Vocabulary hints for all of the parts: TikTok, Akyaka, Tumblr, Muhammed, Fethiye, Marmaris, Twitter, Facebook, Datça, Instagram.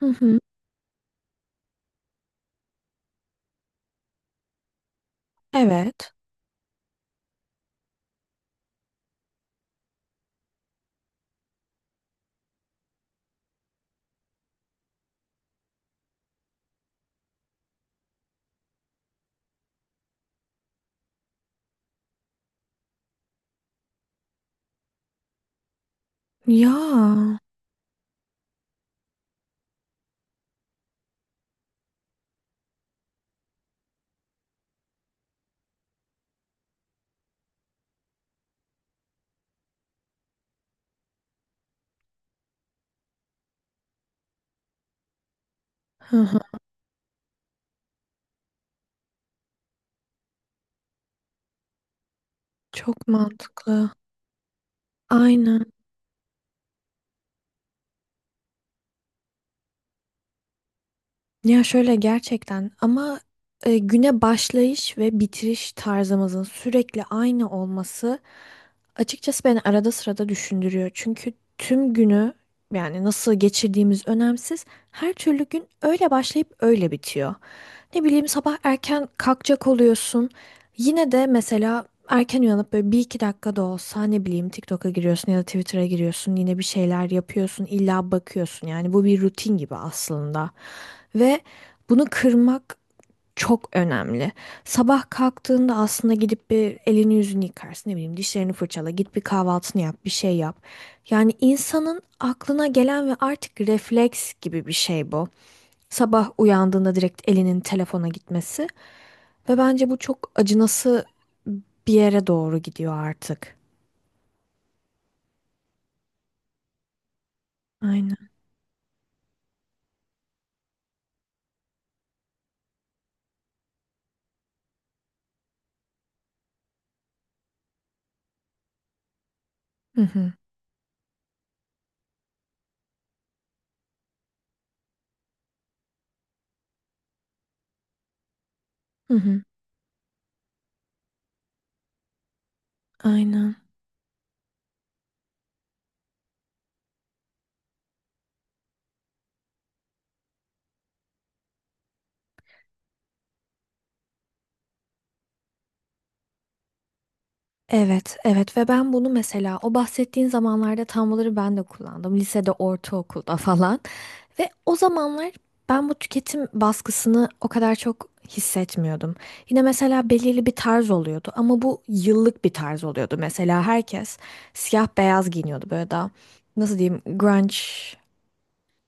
Hı hı. Evet. Ya. Hı hı. Çok mantıklı. Aynen. Ya şöyle gerçekten ama güne başlayış ve bitiriş tarzımızın sürekli aynı olması açıkçası beni arada sırada düşündürüyor. Çünkü tüm günü yani nasıl geçirdiğimiz önemsiz. Her türlü gün öyle başlayıp öyle bitiyor. Ne bileyim sabah erken kalkacak oluyorsun. Yine de mesela erken uyanıp böyle bir iki dakika da olsa ne bileyim TikTok'a giriyorsun ya da Twitter'a giriyorsun, yine bir şeyler yapıyorsun, illa bakıyorsun. Yani bu bir rutin gibi aslında ve bunu kırmak çok önemli. Sabah kalktığında aslında gidip bir elini yüzünü yıkarsın, ne bileyim, dişlerini fırçala, git bir kahvaltını yap, bir şey yap. Yani insanın aklına gelen ve artık refleks gibi bir şey bu. Sabah uyandığında direkt elinin telefona gitmesi ve bence bu çok acınası bir yere doğru gidiyor artık. Aynen. Hı hı. Hı hı. Aynen. Evet, evet, ve ben bunu mesela o bahsettiğin zamanlarda Tumblr'ı ben de kullandım. Lisede, ortaokulda falan. Ve o zamanlar ben bu tüketim baskısını o kadar çok hissetmiyordum. Yine mesela belirli bir tarz oluyordu ama bu yıllık bir tarz oluyordu. Mesela herkes siyah beyaz giyiniyordu, böyle daha nasıl diyeyim, grunge.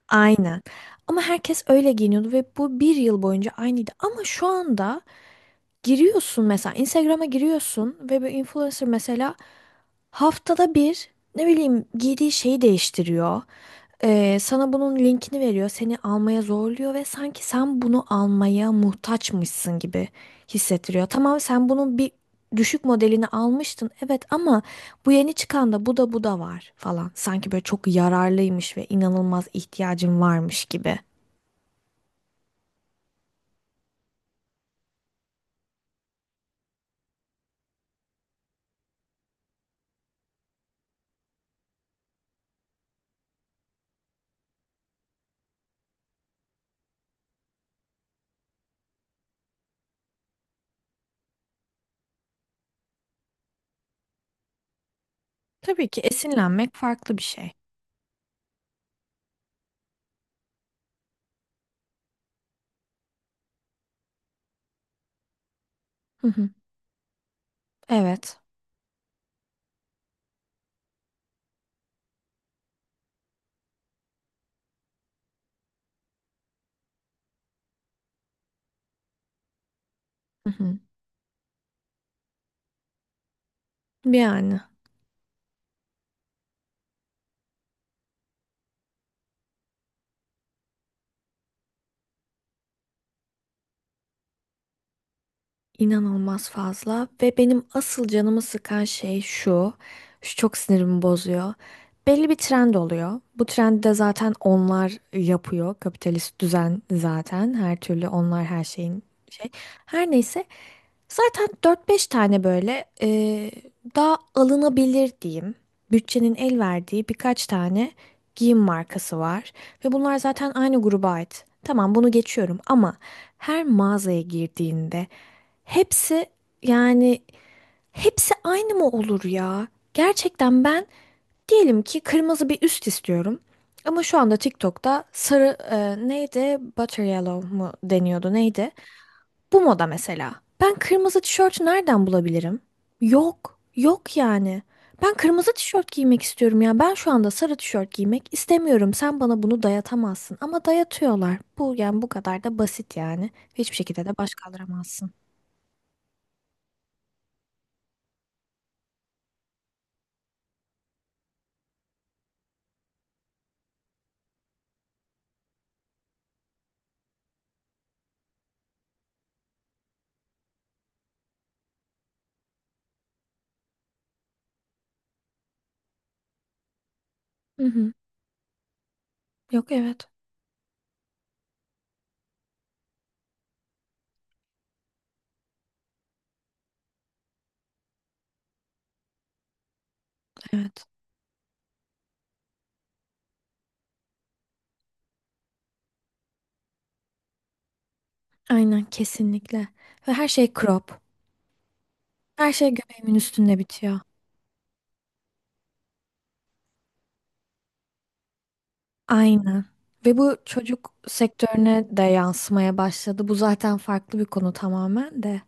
Aynen. Ama herkes öyle giyiniyordu ve bu bir yıl boyunca aynıydı. Ama şu anda giriyorsun, mesela Instagram'a giriyorsun ve bir influencer mesela haftada bir ne bileyim giydiği şeyi değiştiriyor. Sana bunun linkini veriyor, seni almaya zorluyor ve sanki sen bunu almaya muhtaçmışsın gibi hissettiriyor. Tamam, sen bunun bir düşük modelini almıştın, evet, ama bu yeni çıkan da, bu da, bu da var falan. Sanki böyle çok yararlıymış ve inanılmaz ihtiyacın varmış gibi. Tabii ki esinlenmek farklı bir şey. Hı hı. Evet. Hı hı. Yani. İnanılmaz fazla ve benim asıl canımı sıkan şey şu. Şu çok sinirimi bozuyor. Belli bir trend oluyor. Bu trendi de zaten onlar yapıyor. Kapitalist düzen zaten. Her türlü onlar her şeyin şey. Her neyse. Zaten dört beş tane böyle daha alınabilir diyeyim. Bütçenin el verdiği birkaç tane giyim markası var. Ve bunlar zaten aynı gruba ait. Tamam, bunu geçiyorum, ama her mağazaya girdiğinde hepsi, yani hepsi aynı mı olur ya? Gerçekten ben diyelim ki kırmızı bir üst istiyorum. Ama şu anda TikTok'ta sarı neydi? Butter yellow mu deniyordu, neydi? Bu moda mesela. Ben kırmızı tişört nereden bulabilirim? Yok. Yok yani. Ben kırmızı tişört giymek istiyorum ya. Ben şu anda sarı tişört giymek istemiyorum. Sen bana bunu dayatamazsın. Ama dayatıyorlar. Bu yani bu kadar da basit yani. Hiçbir şekilde de baş kaldıramazsın. Hı hı. Yok, evet. Evet. Aynen, kesinlikle. Ve her şey crop. Her şey göbeğimin üstünde bitiyor. Aynen. Ve bu çocuk sektörüne de yansımaya başladı. Bu zaten farklı bir konu tamamen de.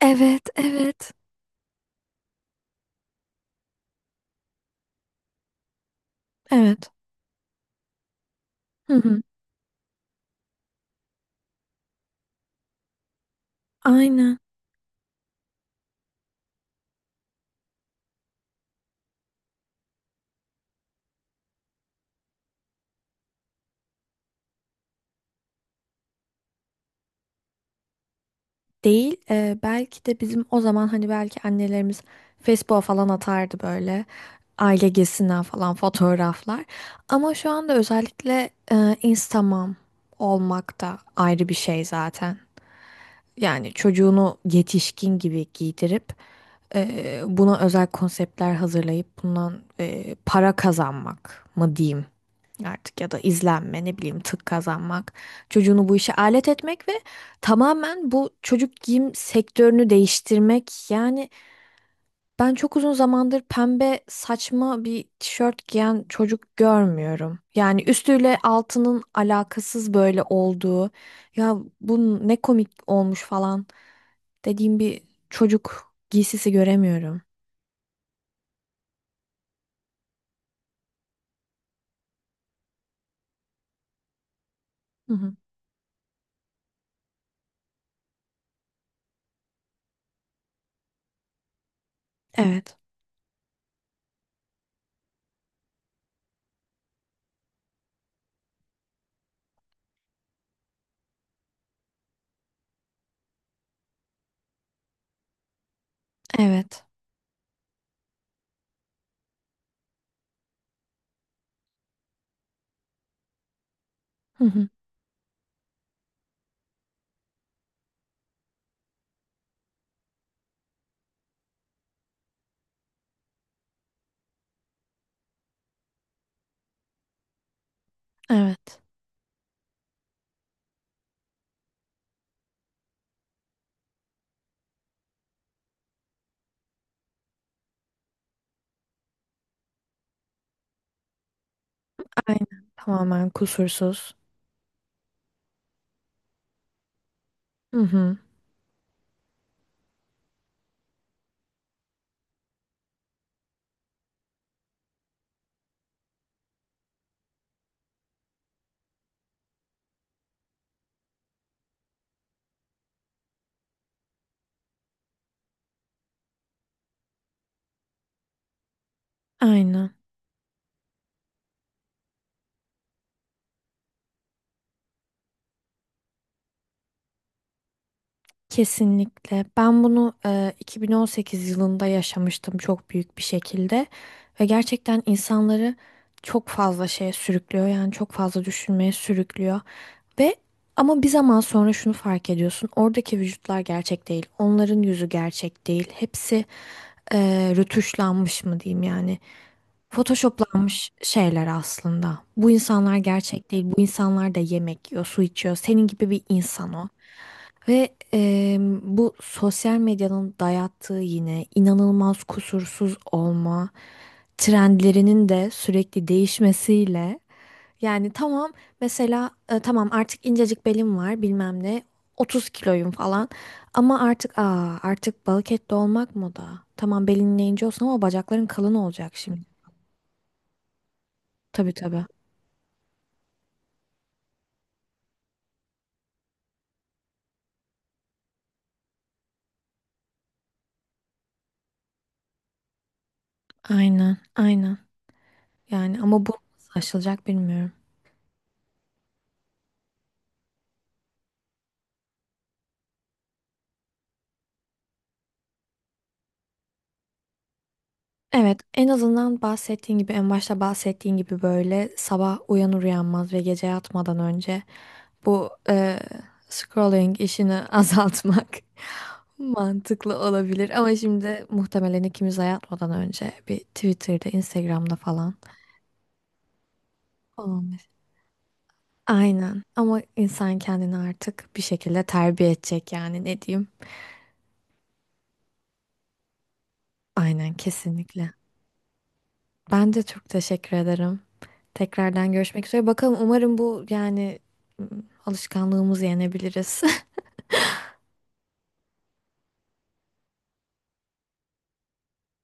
Evet, evet. Evet. Hı hı. Aynen. Değil. Belki de bizim o zaman hani belki annelerimiz Facebook'a falan atardı böyle. Aile gezisinden falan fotoğraflar. Ama şu anda özellikle Instagram olmak da ayrı bir şey zaten. Yani çocuğunu yetişkin gibi giydirip buna özel konseptler hazırlayıp bundan para kazanmak mı diyeyim artık, ya da izlenme, ne bileyim, tık kazanmak. Çocuğunu bu işe alet etmek ve tamamen bu çocuk giyim sektörünü değiştirmek. Yani ben çok uzun zamandır pembe saçma bir tişört giyen çocuk görmüyorum. Yani üstüyle altının alakasız böyle olduğu, ya bu ne komik olmuş falan dediğim bir çocuk giysisi göremiyorum. Hı hı. Evet, evet, hı hı. Evet, aynen, tamamen kusursuz. Hı hı. Aynen. Kesinlikle. Ben bunu 2018 yılında yaşamıştım çok büyük bir şekilde ve gerçekten insanları çok fazla şeye sürüklüyor. Yani çok fazla düşünmeye sürüklüyor. Ve ama bir zaman sonra şunu fark ediyorsun. Oradaki vücutlar gerçek değil. Onların yüzü gerçek değil. Hepsi e, rötuşlanmış mı diyeyim yani. Photoshoplanmış şeyler aslında. Bu insanlar gerçek değil. Bu insanlar da yemek yiyor, su içiyor. Senin gibi bir insan o. Ve bu sosyal medyanın dayattığı yine inanılmaz kusursuz olma trendlerinin de sürekli değişmesiyle, yani tamam, mesela tamam artık incecik belim var bilmem ne, 30 kiloyum falan, ama artık aa artık balık etli olmak moda. Tamam belin ince olsun ama bacakların kalın olacak şimdi. Tabii, tabii. Aynen, aynen. Yani ama bu nasıl aşılacak bilmiyorum. Evet, en azından bahsettiğin gibi, en başta bahsettiğin gibi, böyle sabah uyanır uyanmaz ve gece yatmadan önce bu scrolling işini azaltmak mantıklı olabilir. Ama şimdi muhtemelen ikimiz de yatmadan önce bir Twitter'da, Instagram'da falan olabilir. Aynen. Ama insan kendini artık bir şekilde terbiye edecek yani, ne diyeyim. Aynen, kesinlikle. Ben de çok teşekkür ederim. Tekrardan görüşmek üzere. Bakalım, umarım bu yani m, alışkanlığımızı yenebiliriz.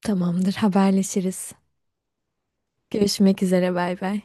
Tamamdır, haberleşiriz. Görüşmek üzere, bay bay.